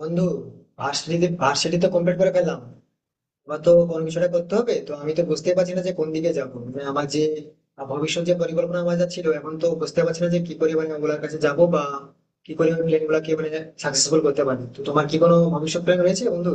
বন্ধু, ভার্সিটি তো কমপ্লিট করে ফেললাম। এবার তো কোনো কিছুটা করতে হবে, তো আমি তো বুঝতে পারছি না যে কোন দিকে যাবো। মানে আমার যে ভবিষ্যৎ যে পরিকল্পনা আমার যা ছিল, এখন তো বুঝতে পারছি না যে কি করে মানে ওগুলোর কাছে যাবো বা কি করে আমি প্ল্যান গুলাকে মানে সাকসেসফুল করতে পারি। তো তোমার কি কোনো ভবিষ্যৎ প্ল্যান রয়েছে বন্ধু?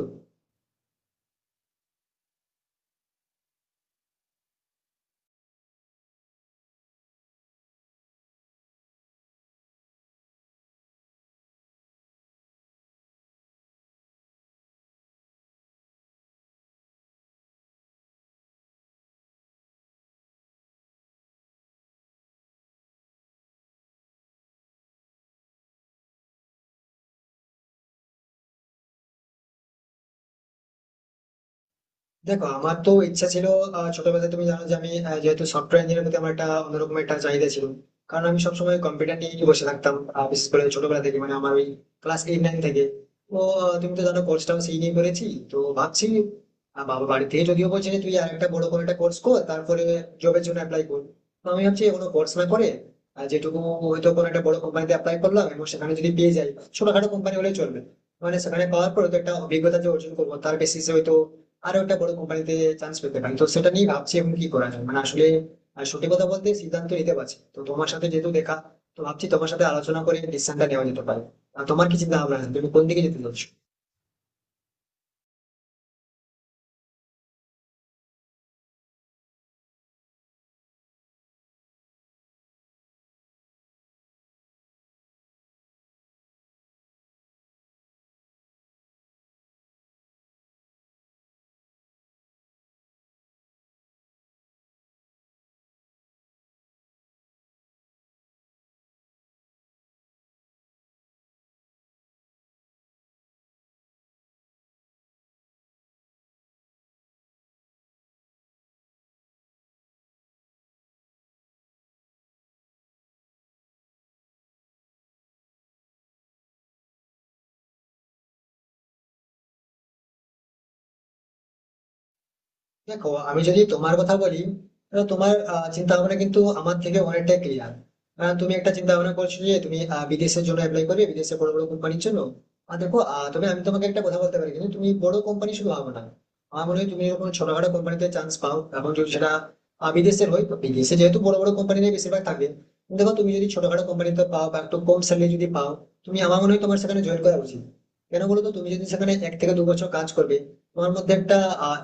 দেখো, আমার তো ইচ্ছা ছিল ছোটবেলায়, তুমি জানো যে আমি যেহেতু সফটওয়্যার ইঞ্জিনিয়ার প্রতি আমার একটা অন্যরকম একটা চাহিদা ছিল, কারণ আমি সবসময় কম্পিউটার নিয়ে বসে থাকতাম। বিশেষ করে ছোটবেলা থেকে, মানে আমার ওই ক্লাস 8, 9 থেকে। তো তুমি তো জানো, কোর্সটাও সেই নিয়ে করেছি। তো ভাবছি, বাবা বাড়ি থেকে যদিও বলছে যে তুই আর একটা বড় করে একটা কোর্স কর, তারপরে জবের জন্য অ্যাপ্লাই কর। তো আমি ভাবছি কোনো কোর্স না করে যেটুকু হয়তো কোনো একটা বড় কোম্পানিতে অ্যাপ্লাই করলাম এবং সেখানে যদি পেয়ে যাই, ছোটখাটো কোম্পানি হলে চলবে। মানে সেখানে পাওয়ার পরে তো একটা অভিজ্ঞতা যে অর্জন করবো, তার বেসিসে হয়তো আরো একটা বড় কোম্পানিতে চান্স পেতে পারি। তো সেটা নিয়ে ভাবছি এখন কি করা যায়, মানে আসলে সত্যি কথা বলতে সিদ্ধান্ত নিতে পারছি না। তো তোমার সাথে যেহেতু দেখা, তো ভাবছি তোমার সাথে আলোচনা করে ডিসিশনটা নেওয়া যেতে পারে। আর তোমার কি চিন্তা ভাবনা আছে, তুমি কোন দিকে যেতে চাচ্ছ? দেখো, আমি যদি তোমার কথা বলি, তাহলে তোমার চিন্তা ভাবনা কিন্তু আমার থেকে অনেকটাই ক্লিয়ার। তুমি একটা চিন্তা ভাবনা করছো যে তুমি বিদেশের জন্য অ্যাপ্লাই করবে, বিদেশে বড় বড় কোম্পানির জন্য। আর দেখো তবে আমি তোমাকে একটা কথা বলতে পারি, কিন্তু তুমি বড় কোম্পানি শুধু ভাবো না। আমার মনে হয় তুমি যখন ছোটখাটো কোম্পানিতে চান্স পাও এবং যদি সেটা বিদেশের হয়, তো বিদেশে যেহেতু বড় বড় কোম্পানিতে বেশিরভাগ থাকে, কিন্তু দেখো তুমি যদি ছোটখাটো কোম্পানিতে পাও বা একটু কম স্যালারি যদি পাও, তুমি আমার মনে হয় তোমার সেখানে জয়েন করা উচিত। কেন বলো তো, তুমি যদি সেখানে 1 থেকে 2 বছর কাজ করবে, তোমার মধ্যে একটা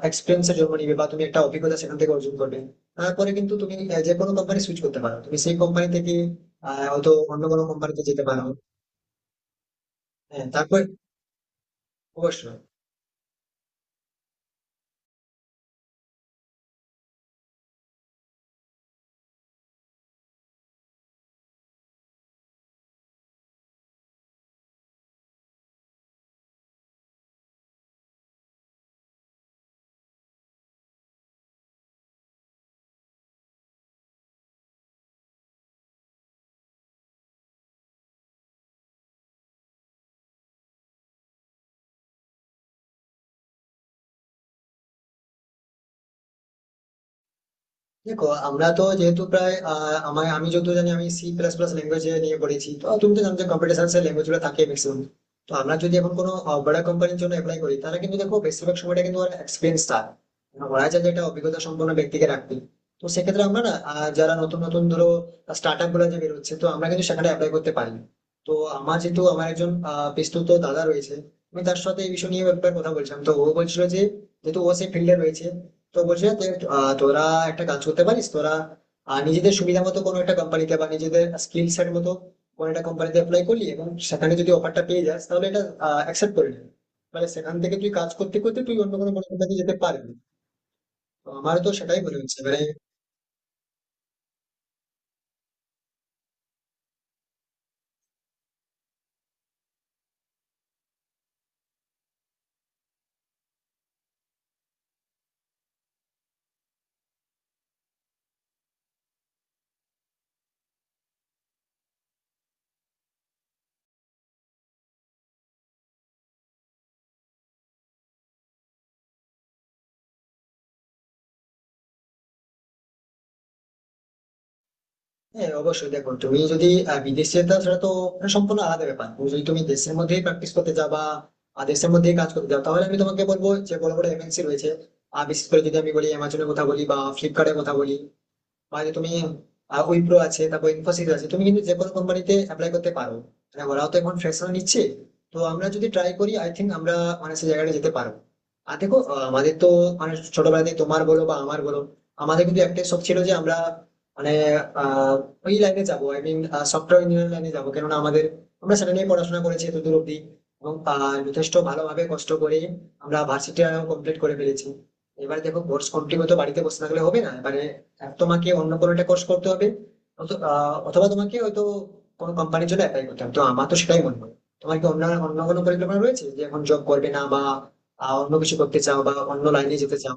এক্সপিরিয়েন্স জন্ম নিবে বা তুমি একটা অভিজ্ঞতা সেখান থেকে অর্জন করবে। তারপরে কিন্তু তুমি যে কোনো কোম্পানি সুইচ করতে পারো, তুমি সেই কোম্পানি থেকে হয়তো অন্য কোনো কোম্পানিতে যেতে পারো। হ্যাঁ, তারপর অবশ্যই। দেখো, আমরা তো যেহেতু প্রায় আহ, আমার আমি যতদূর জানি আমি সি প্লাস প্লাস ল্যাঙ্গুয়েজ নিয়ে পড়েছি, তো তুমি তো জানো যে কম্পিউটার সায়েন্সের ল্যাঙ্গুয়েজ গুলো থাকে ম্যাক্সিমাম। তো আমরা যদি এখন কোনো বড় কোম্পানির জন্য অ্যাপ্লাই করি, তাহলে কিন্তু দেখো বেশিরভাগ সময়টা কিন্তু ওরা এক্সপিরিয়েন্স থাকে, মানে ওরা চায় যে একটা অভিজ্ঞতা সম্পন্ন ব্যক্তিকে রাখবে। তো সেক্ষেত্রে আমরা না যারা নতুন নতুন, ধরো স্টার্ট আপ গুলো যে বেরোচ্ছে, তো আমরা কিন্তু সেখানে অ্যাপ্লাই করতে পারি। তো আমার যেহেতু আমার একজন বিস্তৃত দাদা রয়েছে, আমি তার সাথে এই বিষয় নিয়ে একবার কথা বলছিলাম, তো ও বলছিল যে যেহেতু ও সেই ফিল্ডে রয়েছে, তো বলছে যে তোরা একটা কাজ করতে পারিস, তোরা নিজেদের সুবিধা মতো কোনো একটা কোম্পানিতে বা নিজেদের স্কিল সেট মতো কোনো একটা কোম্পানিতে অ্যাপ্লাই করলি এবং সেখানে যদি অফারটা পেয়ে যাস, তাহলে এটা অ্যাকসেপ্ট করে নিবি। মানে সেখান থেকে তুই কাজ করতে করতে তুই অন্য কোনো বড় কোম্পানিতে যেতে পারবি। তো আমারও তো সেটাই মনে হচ্ছে, মানে হ্যাঁ, অবশ্যই। দেখো, তুমি যদি বিদেশে যেতে চাও, সেটা তো মানে সম্পূর্ণ আলাদা ব্যাপার। তুমি যদি তুমি দেশের মধ্যেই প্র্যাকটিস করতে যাও বা দেশের মধ্যেই কাজ করতে যাও, তাহলে আমি তোমাকে বলবো যে বড় বড় এমএনসি রয়েছে। আর বিশেষ করে যদি আমি বলি, অ্যামাজনের কথা বলি বা ফ্লিপকার্টের কথা বলি, মানে তুমি উইপ্রো আছে, তারপর ইনফোসিস আছে, তুমি কিন্তু যে কোনো কোম্পানিতে অ্যাপ্লাই করতে পারো। মানে ওরাও তো এখন ফ্রেশার নিচ্ছে। তো আমরা যদি ট্রাই করি, আই থিঙ্ক আমরা মানে সেই জায়গাটা যেতে পারবো। আর দেখো আমাদের তো মানে ছোটবেলা থেকে তোমার বলো বা আমার বলো, আমাদের কিন্তু একটাই শখ ছিল যে আমরা মানে আহ, ওই লাইনে যাবো, আই মিন সফটওয়্যার ইঞ্জিনিয়ারিং লাইনে যাবো, কেননা আমাদের আমরা সেটা নিয়ে পড়াশোনা করেছি এত দূর অব্দি। এবং যথেষ্ট ভালোভাবে কষ্ট করে আমরা ভার্সিটি কমপ্লিট করে ফেলেছি। এবারে দেখো কোর্স কমপ্লিট হতে বাড়িতে বসে থাকলে হবে না এবারে। আর তোমাকে অন্য কোনো একটা কোর্স করতে হবে, অথবা তোমাকে হয়তো কোনো কোম্পানির জন্য অ্যাপ্লাই করতে হবে। তো আমার তো সেটাই মনে হয়। তোমার কি অন্য অন্য কোনো পরিকল্পনা রয়েছে যে এখন জব করবে না বা অন্য কিছু করতে চাও বা অন্য লাইনে যেতে চাও?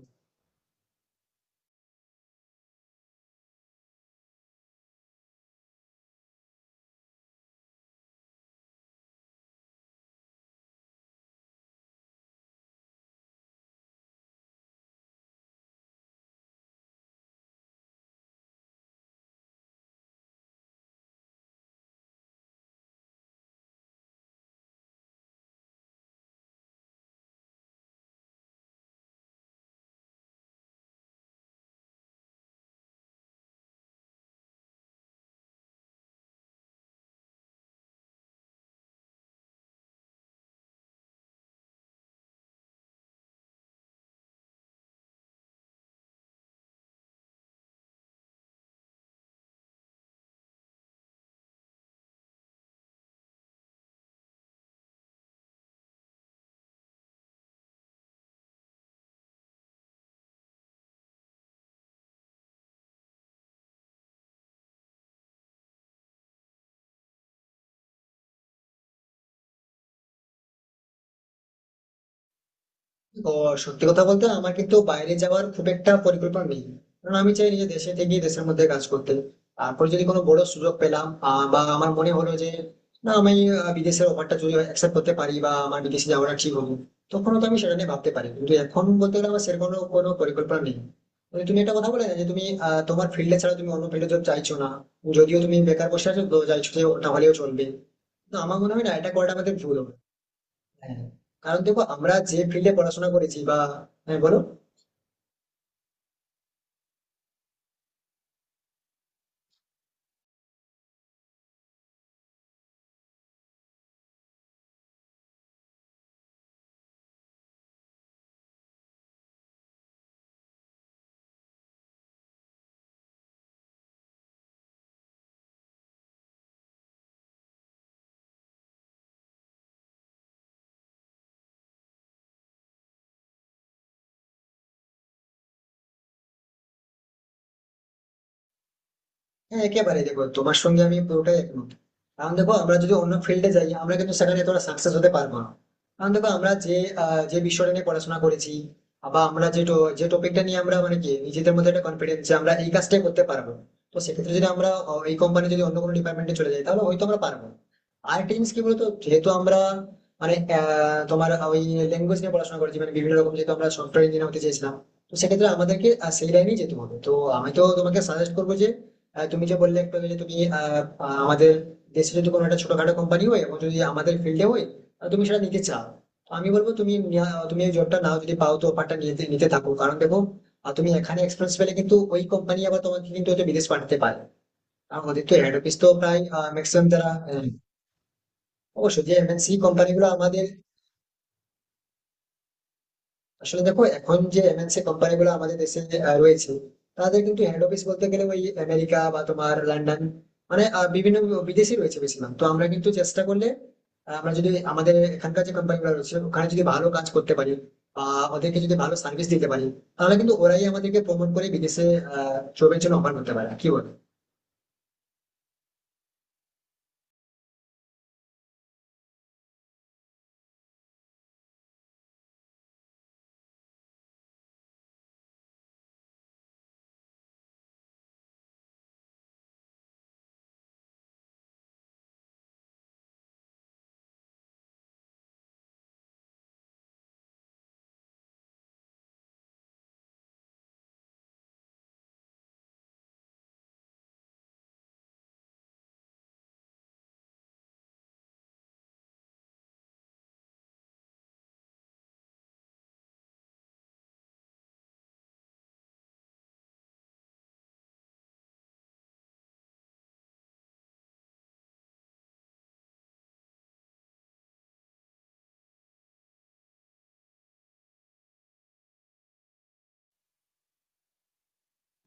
ও, সত্যি কথা বলতে আমার কিন্তু বাইরে যাওয়ার খুব একটা পরিকল্পনা নেই। কারণ আমি চাই নিজে দেশে থেকে দেশের মধ্যে কাজ করতে। তারপর যদি কোনো বড় সুযোগ পেলাম বা আমার মনে হলো যে না, আমি বিদেশের অফারটা যদি অ্যাকসেপ্ট করতে পারি বা আমার বিদেশে যাওয়াটা ঠিক হবে, তখন তো আমি সেটা নিয়ে ভাবতে পারি। কিন্তু এখন বলতে গেলে আমার সেরকম কোনো কোনো পরিকল্পনা নেই। তবে তুমি একটা কথা বলে না, যে তুমি তোমার ফিল্ডে ছাড়া তুমি অন্য ফিল্ডে জব চাইছো না, যদিও তুমি বেকার বসে আছো তো চাইছো যে ওটা হলেও চলবে, না আমার মনে হয় না এটা করাটা আমাদের ভুল হবে। হ্যাঁ, কারণ দেখো আমরা যে ফিল্ডে পড়াশোনা করেছি বা হ্যাঁ বলো। হ্যাঁ, একেবারে। দেখো, তোমার সঙ্গে আমি পুরোটাই একমত। কারণ দেখো আমরা যদি অন্য ফিল্ডে যাই, আমরা কিন্তু সেখানে এতটা সাকসেস হতে পারবো না। কারণ দেখো আমরা যে যে বিষয়টা নিয়ে পড়াশোনা করেছি বা আমরা যে যে টপিকটা নিয়ে আমরা মানে কি নিজেদের মধ্যে একটা কনফিডেন্স যে আমরা এই কাজটাই করতে পারবো। তো সেক্ষেত্রে যদি আমরা এই কোম্পানি যদি অন্য কোনো ডিপার্টমেন্টে চলে যাই, তাহলে হয়তো আমরা পারবো। আর টিমস কি বলতো, যেহেতু আমরা মানে তোমার ওই ল্যাঙ্গুয়েজ নিয়ে পড়াশোনা করেছি মানে বিভিন্ন রকম, যেহেতু আমরা সফটওয়্যার ইঞ্জিনিয়ার হতে চেয়েছিলাম, তো সেক্ষেত্রে আমাদেরকে সেই লাইনেই যেতে হবে। তো আমি তো তোমাকে সাজেস্ট করবো যে তুমি যে বললে একটু আগে যে তুমি আহ, আহ, আমাদের দেশে যদি কোনো একটা ছোটখাটো কোম্পানি হয় এবং যদি আমাদের ফিল্ডে হয়, তুমি সেটা নিতে চাও, তো আমি বলবো তুমি তুমি এই জবটা নাও। যদি পাও তো অফারটা নিতে নিতে থাকো। কারণ দেখো তুমি এখানে এক্সপিরিয়েন্স পেলে কিন্তু ওই কোম্পানি আবার তোমাকে কিন্তু হয়তো বিদেশ পাঠাতে পারে। কারণ ওদের তো হেড অফিস তো প্রায় ম্যাক্সিমাম যারা অবশ্যই যে এমএনসি কোম্পানিগুলো আমাদের আসলে দেখো, এখন যে এমএনসি কোম্পানি গুলো আমাদের দেশে রয়েছে, তাদের কিন্তু হেড অফিস বলতে গেলে ওই আমেরিকা বা তোমার লন্ডন, মানে বিভিন্ন বিদেশি রয়েছে বেশিরভাগ। তো আমরা কিন্তু চেষ্টা করলে আমরা যদি আমাদের এখানকার যে কোম্পানি গুলো রয়েছে ওখানে যদি ভালো কাজ করতে পারি বা ওদেরকে যদি ভালো সার্ভিস দিতে পারি, তাহলে কিন্তু ওরাই আমাদেরকে প্রমোট করে বিদেশে জবের জন্য অফার করতে পারে, কি বল?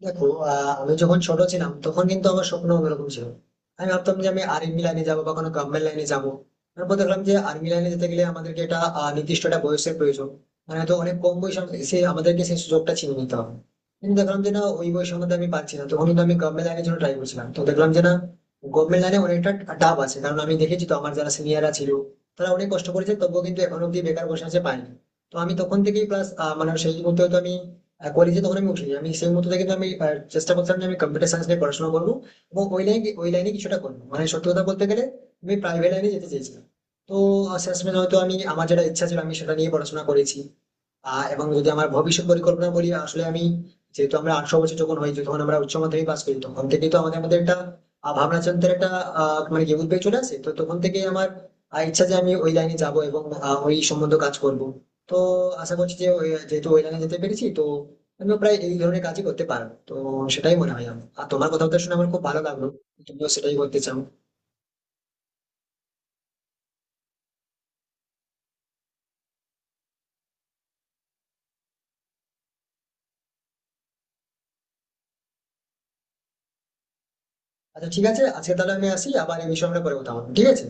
দেখো, আমি যখন ছোট ছিলাম তখন কিন্তু আমার স্বপ্ন অন্যরকম ছিল। আমি ভাবতাম যে আমি আর্মি লাইনে যাবো বা কোনো গভর্নমেন্ট লাইনে যাবো। তারপর দেখলাম যে আর্মি লাইনে যেতে গেলে আমাদেরকে একটা নির্দিষ্ট একটা বয়সের প্রয়োজন, মানে তো অনেক কম বয়সে সে আমাদেরকে সেই সুযোগটা ছিনে নিতে হবে। কিন্তু দেখলাম যে না, ওই বয়সের মধ্যে আমি পাচ্ছি না, তখন কিন্তু আমি গভর্নমেন্ট লাইনের জন্য ট্রাই করছিলাম, তো দেখলাম যে না, গভর্নমেন্ট লাইনে অনেকটা টাফ আছে। কারণ আমি দেখেছি তো, আমার যারা সিনিয়ররা ছিল, তারা অনেক কষ্ট করেছে, তবুও কিন্তু এখন অব্দি বেকার বসে আছে, পায়নি। তো আমি তখন থেকেই ক্লাস, মানে সেই মুহূর্তে হয়তো আমি কলেজে তখন আমি উঠিনি, আমি সেই মুহূর্ত থেকে তো আমি চেষ্টা করতাম যে আমি কম্পিউটার সায়েন্স নিয়ে পড়াশোনা করবো এবং ওই লাইনে কিছুটা করবো। মানে সত্যি কথা বলতে গেলে আমি প্রাইভেট লাইনে যেতে চেয়েছিলাম। তো শেষমেশ হয়তো আমি আমার যেটা ইচ্ছা ছিল আমি সেটা নিয়ে পড়াশোনা করেছি। এবং যদি আমার ভবিষ্যৎ পরিকল্পনা বলি, আসলে আমি যেহেতু আমরা 18 বছর যখন হয়েছি, যখন আমরা উচ্চ মাধ্যমিক পাস করি, তখন থেকেই তো আমাদের মধ্যে একটা ভাবনা চিন্তার একটা মানে কি উদ্বেগ চলে আসে। তো তখন থেকেই আমার ইচ্ছা যে আমি ওই লাইনে যাব এবং ওই সম্বন্ধে কাজ করব। তো আশা করছি যে যেহেতু ওই লাইনে যেতে পেরেছি, তো আমিও প্রায় এই ধরনের কাজই করতে পারো। তো সেটাই মনে হয় আমার। আর তোমার কথাবার্তা শুনে আমার খুব ভালো লাগলো, তুমিও সেটাই করতে চাও। আচ্ছা ঠিক আছে, আজকে তাহলে আমি আসি, আবার এই বিষয়ে আমরা পরে কথা হবে, ঠিক আছে?